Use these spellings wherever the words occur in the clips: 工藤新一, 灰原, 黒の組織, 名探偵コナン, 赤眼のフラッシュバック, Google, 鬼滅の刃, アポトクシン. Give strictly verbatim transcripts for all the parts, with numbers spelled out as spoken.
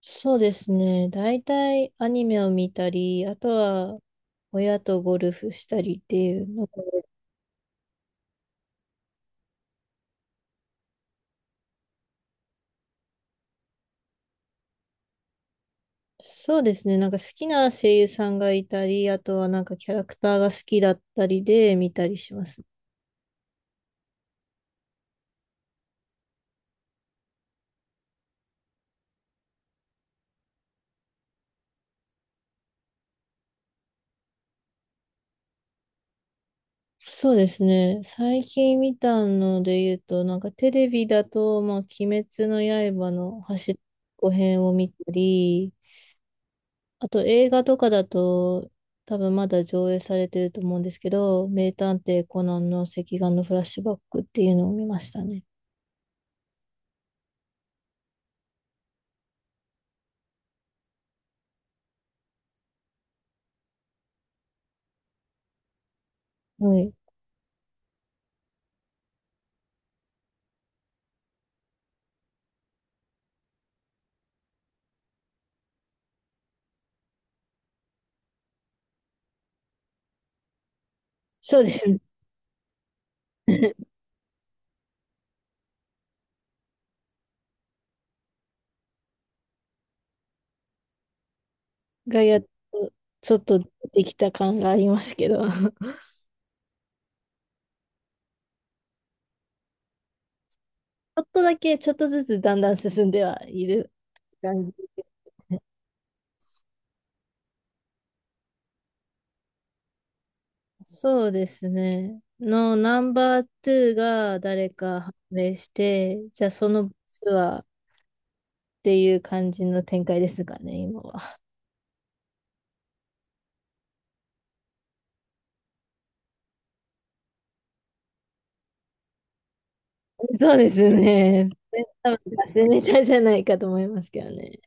そうですね。大体アニメを見たり、あとは親とゴルフしたりっていうのがそうですね。なんか好きな声優さんがいたり、あとはなんかキャラクターが好きだったりで見たりします。そうですね。最近見たので言うと、なんかテレビだと、まあ、鬼滅の刃の走っこ編を見たり、あと映画とかだと、多分まだ上映されてると思うんですけど、名探偵コナンの赤眼のフラッシュバックっていうのを見ましたね。はい。そうですね。がやっと、ちょっとできた感がありますけど、ちょっとだけ、ちょっとずつだんだん進んではいる感じですね。そうですね。のナンバーツーが誰か判明して、じゃあそのボスは？っていう感じの展開ですかね、今は。そうですね。ね多分達ネタじゃないかと思いますけどね。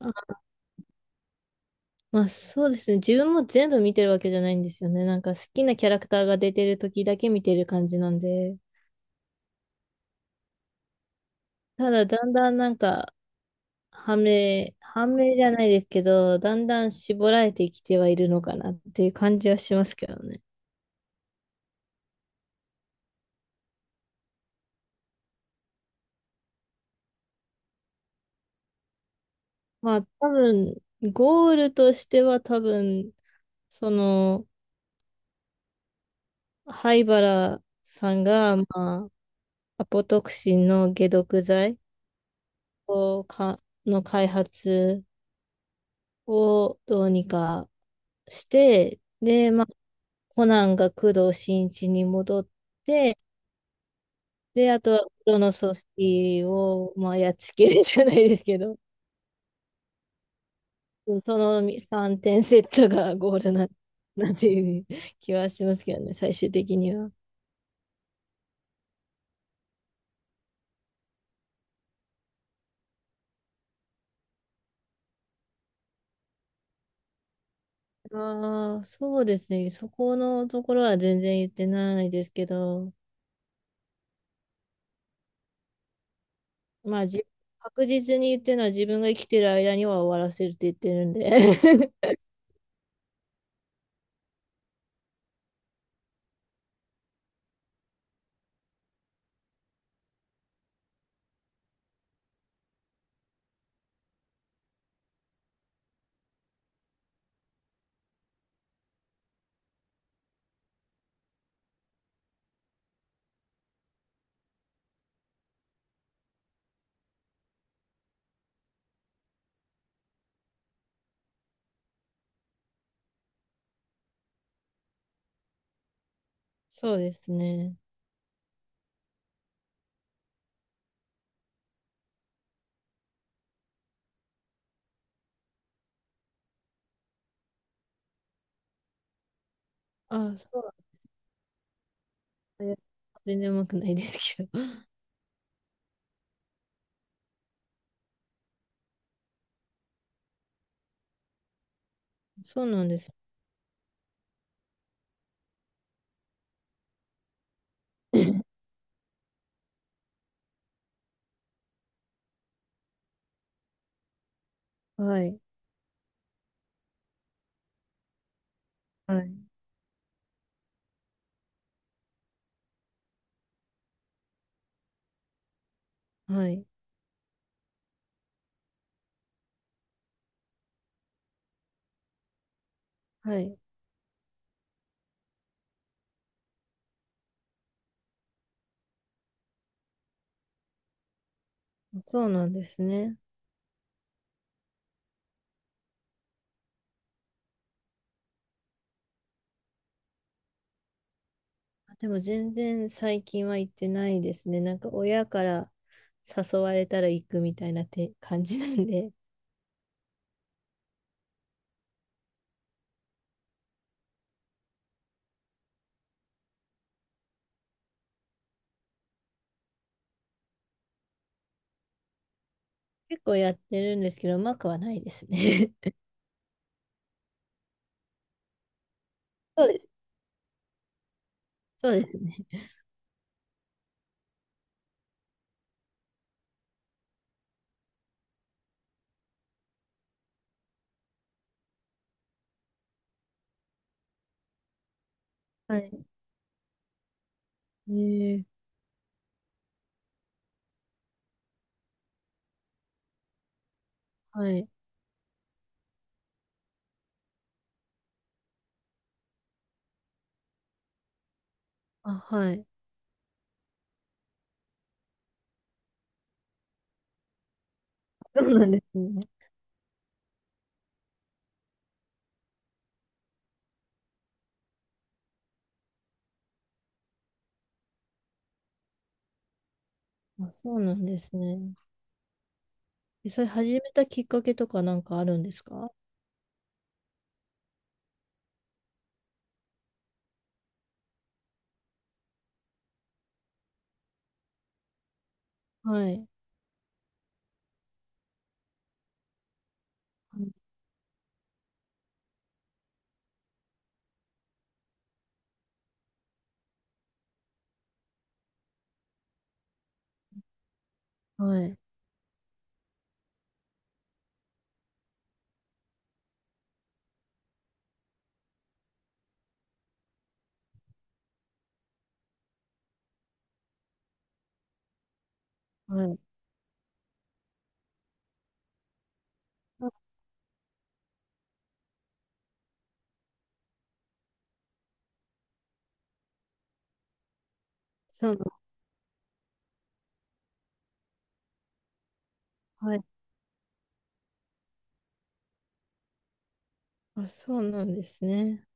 あ、まあそうですね。自分も全部見てるわけじゃないんですよね。なんか好きなキャラクターが出てる時だけ見てる感じなんで。ただだんだんなんか、はめ、はめじゃないですけど、だんだん絞られてきてはいるのかなっていう感じはしますけどね。まあ多分、ゴールとしては多分、その、灰原さんが、まあ、アポトクシンの解毒剤をか、の開発をどうにかして、で、まあ、コナンが工藤新一に戻って、で、あとは黒の組織を、まあ、やっつけるじゃないですけど、うんそのさんてんセットセットがゴールな、なんていう気はしますけどね、最終的には。ああ、そうですね。そこのところは全然言ってないですけど、まあ、じ、確実に言ってるのは自分が生きてる間には終わらせるって言ってるんで。そうですね。あ、そう。え全然うまくないですけど。そうなんです。はい。はい。はい。はい。そうなんですね。あでも全然最近は行ってないですね。なんか親から誘われたら行くみたいなて感じなんで、結構やってるんですけど、うまくはないですね。そうです。そうですね。はい。えー、はい。あ、はい。そうなんですね。あ、そうなんですね。えそれ始めたきっかけとかなんかあるんですか？はい。はい。はい。あ、そうな、はい。あ、そうなんですね。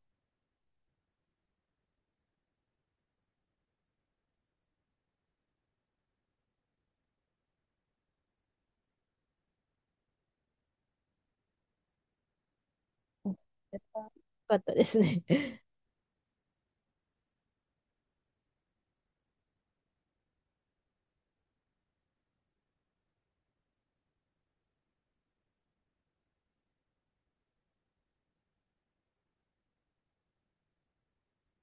あやっぱよかったですね。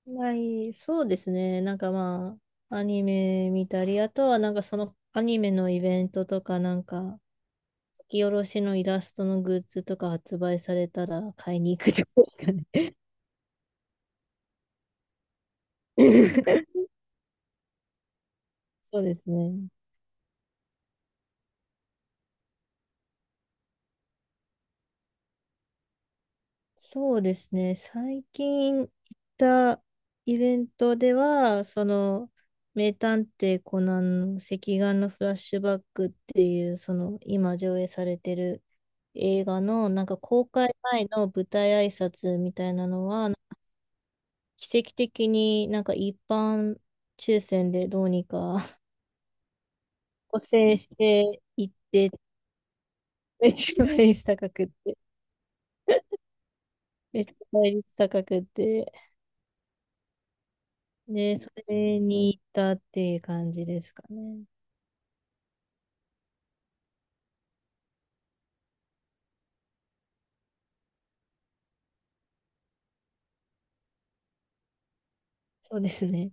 はい、そうですね。なんかまあ、アニメ見たり、あとはなんかそのアニメのイベントとか、なんか、書き下ろしのイラストのグッズとか発売されたら買いに行くとかですかね。そうですね。そうですね。最近行ったイベントでは、その、名探偵コナンの赤眼のフラッシュバックっていう、その、今上映されてる映画の、なんか公開前の舞台挨拶みたいなのは、奇跡的になんか一般抽選でどうにか 補正していって、めっちゃ倍率高くって、めっちゃ倍率高くって、で、それに行ったっていう感じですかね。そうですね。